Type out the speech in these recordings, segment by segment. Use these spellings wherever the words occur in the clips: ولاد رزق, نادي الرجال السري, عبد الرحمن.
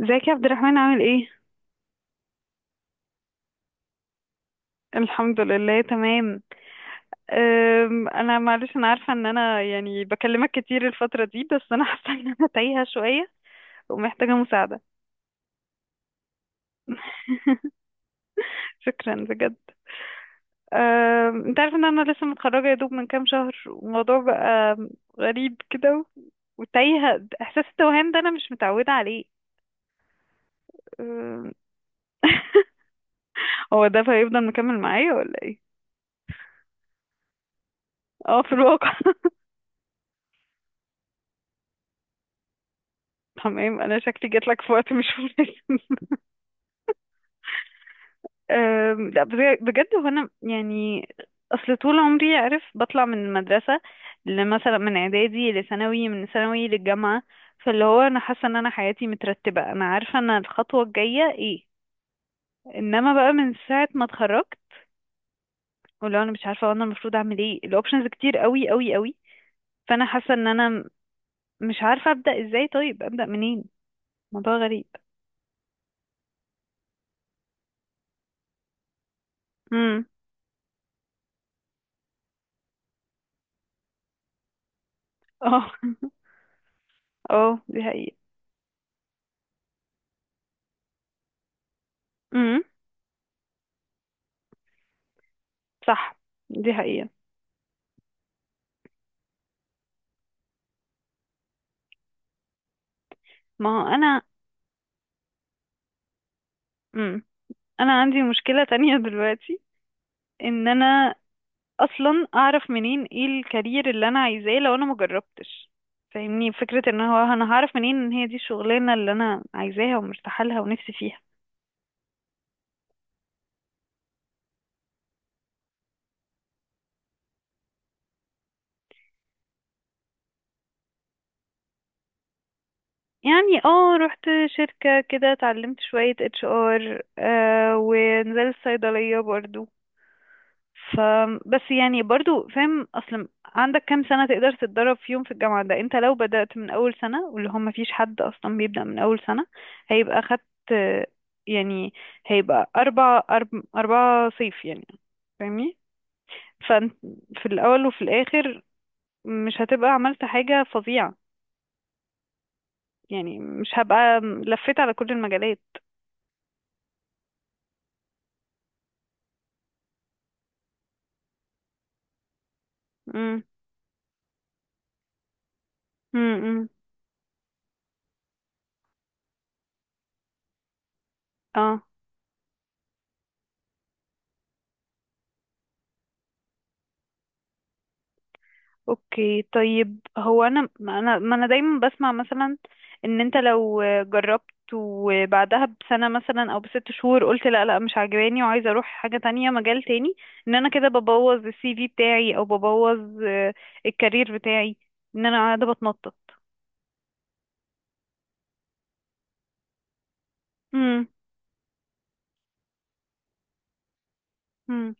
ازيك يا عبد الرحمن، عامل ايه؟ الحمد لله، تمام. انا معلش، انا عارفه ان انا يعني بكلمك كتير الفتره دي، بس انا حاسه ان انا تايهه شويه ومحتاجه مساعده. شكرا بجد. انت عارف ان انا لسه متخرجه يا دوب من كام شهر، والموضوع بقى غريب كده، وتايهه. احساس التوهان ده انا مش متعوده عليه. أم، هو ده هيفضل مكمل معايا ولا ايه؟ اه، في الواقع. تمام، انا شكلي جاتلك في وقت مش مناسب. لا، بجد، هو انا يعني اصل طول عمري عارف بطلع من المدرسه لمثلا من اعدادي لثانوي، من ثانوي للجامعه، فاللي هو انا حاسه ان انا حياتي مترتبه، انا عارفه انا الخطوه الجايه ايه، انما بقى من ساعه ما اتخرجت ولو انا مش عارفه انا المفروض اعمل ايه، الاوبشنز كتير قوي قوي قوي، فانا حاسه ان انا مش عارفه ابدا ازاي، طيب ابدا منين. موضوع غريب. امم. اه. اه، دي حقيقه. امم. صح، دي حقيقه. ما هو انا. مم. انا عندي مشكلة تانية دلوقتي، ان انا اصلا اعرف منين ايه الكارير اللي انا عايزاه لو انا مجربتش. فاهمني؟ فكرة ان هو انا هعرف منين ان هي دي الشغلانة اللي انا عايزاها ومرتاحة لها ونفسي فيها. يعني اه، رحت شركة كده، اتعلمت شوية HR، ونزلت صيدلية برضو. فبس يعني برضو، فاهم اصلا عندك كام سنة تقدر تتدرب فيهم في الجامعة؟ ده انت لو بدأت من اول سنة، واللي هم مفيش حد اصلا بيبدأ من اول سنة، هيبقى خدت. يعني هيبقى 4 صيف يعني، فاهمني؟ فانت في الاول وفي الاخر مش هتبقى عملت حاجة فظيعة. يعني مش هبقى لفيت على كل المجالات. امم. امم. اه. اوكي، طيب هو انا، ما انا دايما بسمع مثلا ان انت لو جربت وبعدها بسنة مثلا او ب6 شهور قلت لا لا، مش عاجباني وعايزة اروح حاجة تانية، مجال تاني، ان انا كده ببوظ ال CV بتاعي، او ببوظ الكارير بتاعي، ان انا قاعدة بتنطط. امم. امم.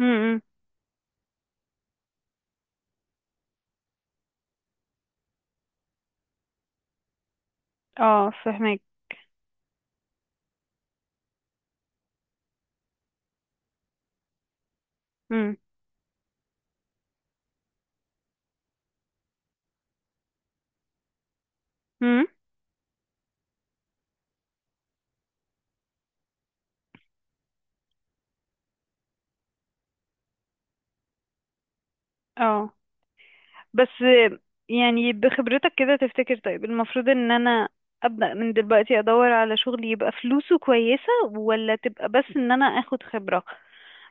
امم. اه، فهمك. امم. امم. اه. بس يعني بخبرتك كده تفتكر، طيب المفروض ان انا ابدأ من دلوقتي ادور على شغل يبقى فلوسه كويسة، ولا تبقى بس ان انا اخد خبرة؟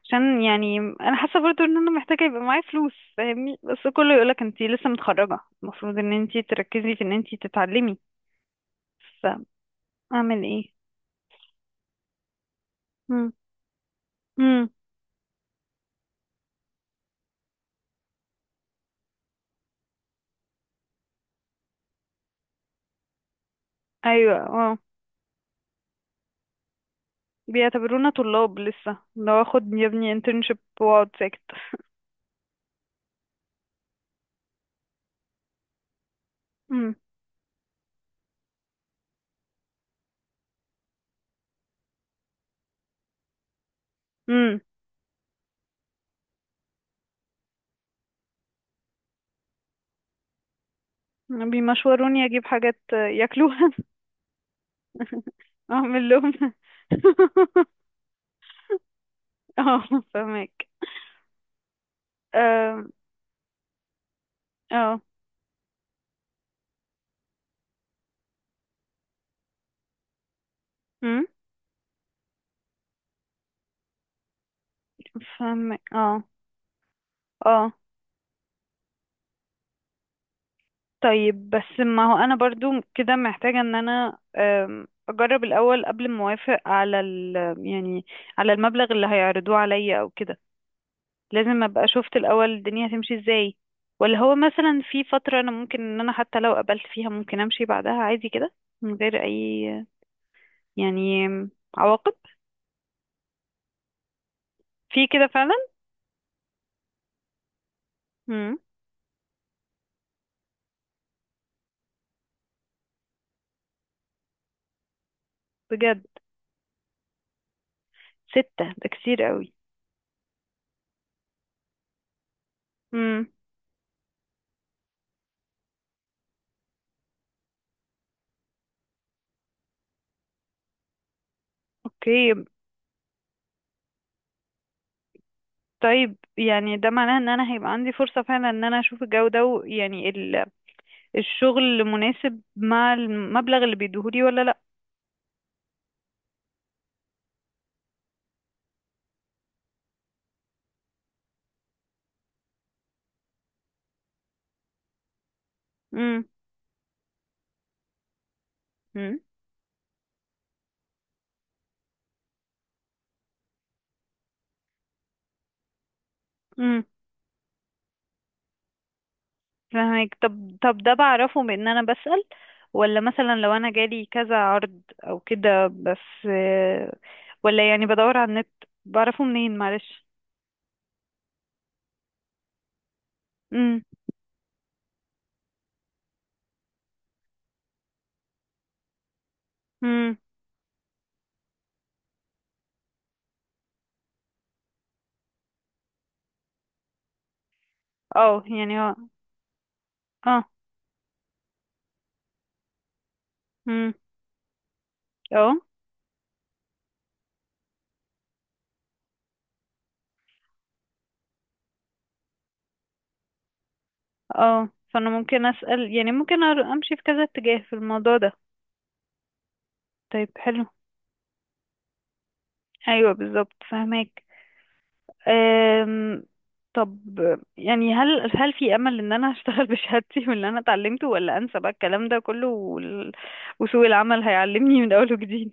عشان يعني انا حاسة برضو ان انا محتاجة يبقى معايا فلوس، فاهمني؟ بس كله يقولك انتي لسه متخرجة، المفروض ان انتي تركزي في ان انتي تتعلمي. فاعمل ايه؟ مم. مم. ايوه، اه. بيعتبرونا طلاب لسه، لو اخد يا ابني internship واقعد ساكت. امم. امم. بيمشوروني اجيب حاجات ياكلوها، اعمل لهم. اه، فهمك. اه. اه. أم، فهمك. اه. اه. طيب، بس ما هو انا برضو كده محتاجة ان انا اجرب الاول قبل ما اوافق على ال، يعني، على المبلغ اللي هيعرضوه عليا او كده. لازم ابقى شفت الاول الدنيا هتمشي ازاي، ولا هو مثلا في فترة انا ممكن ان انا حتى لو قبلت فيها ممكن امشي بعدها عادي كده من غير اي، يعني، عواقب؟ في كده فعلا. امم. بجد؟ 6 ده كتير قوي. امم. اوكي، طيب يعني ده معناه ان انا هيبقى عندي فرصة فعلا ان انا اشوف الجو ده يعني الشغل مناسب مع المبلغ اللي بيديهولي ولا لا. امم. مم. امم. فهمك. طب ده بعرفه بان انا بسأل، ولا مثلا لو انا جالي كذا عرض او كده؟ بس ولا يعني بدور على النت؟ بعرفه منين، معلش؟ امم. امم. اه، يعني. اه. اه. امم. اه. اه. فانا ممكن اسال، يعني ممكن امشي في كذا اتجاه في الموضوع ده. طيب حلو. ايوه، بالظبط، فهماك. أم... طب يعني هل في امل ان انا اشتغل بشهادتي واللي انا اتعلمته، ولا انسى بقى الكلام ده كله وسوق العمل هيعلمني من اول وجديد؟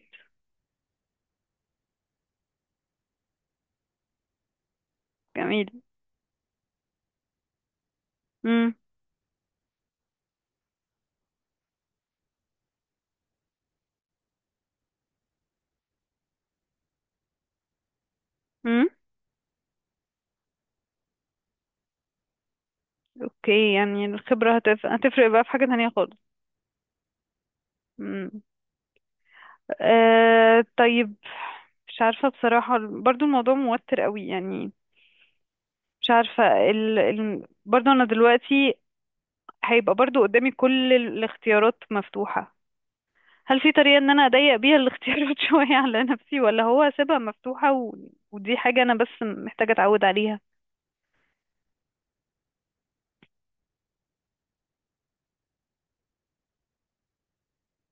جميل. امم. امم. اوكي، يعني الخبره هتفرق بقى في حاجه تانية خالص. امم. طيب، مش عارفه بصراحه، برضو الموضوع موتر قوي يعني. مش عارفة برضه أنا دلوقتي هيبقى برضه قدامي كل الاختيارات مفتوحة. هل في طريقة إن أنا أضيق بيها الاختيارات شوية على نفسي، ولا هو أسيبها مفتوحة ودي حاجة أنا بس محتاجة أتعود عليها؟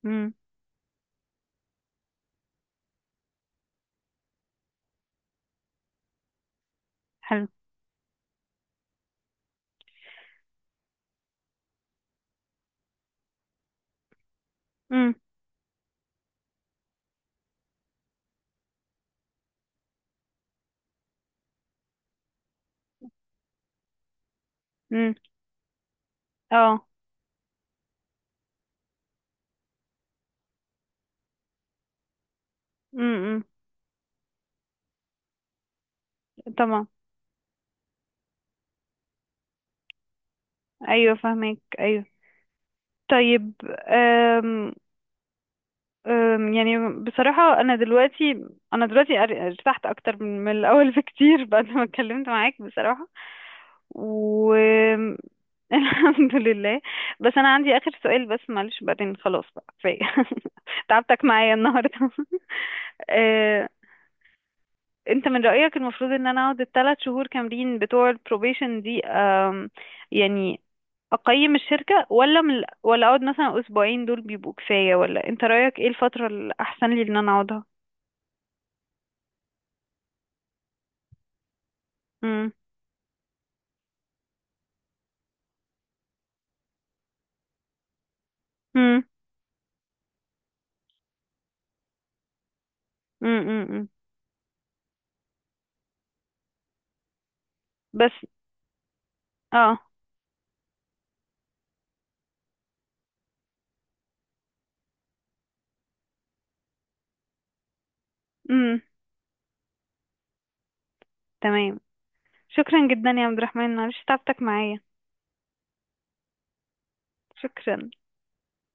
امم. حلو. امم. امم. اه. امم. طبعا. أيوة، فاهمك، أيوة. طيب، يعني بصراحة أنا دلوقتي، أنا دلوقتي ارتحت أكتر من الأول بكتير، بعد ما اتكلمت معاك بصراحة. و الحمد لله. بس أنا عندي آخر سؤال بس، معلش، بعدين خلاص بقى كفاية. تعبتك معايا النهاردة. أه، أنت من رأيك المفروض إن أنا أقعد ال3 شهور كاملين بتوع البروبيشن دي، يعني أقيم الشركة، ولا من، ولا أقعد مثلا أسبوعين دول بيبقوا كفاية؟ ولا أنت رأيك إيه الفترة الأحسن لي إن أنا أقعدها؟ مم. مم. مم. مم. مم. بس. اه. مم. تمام. شكرا جدا يا عبد الرحمن، معلش تعبتك معايا. شكرا.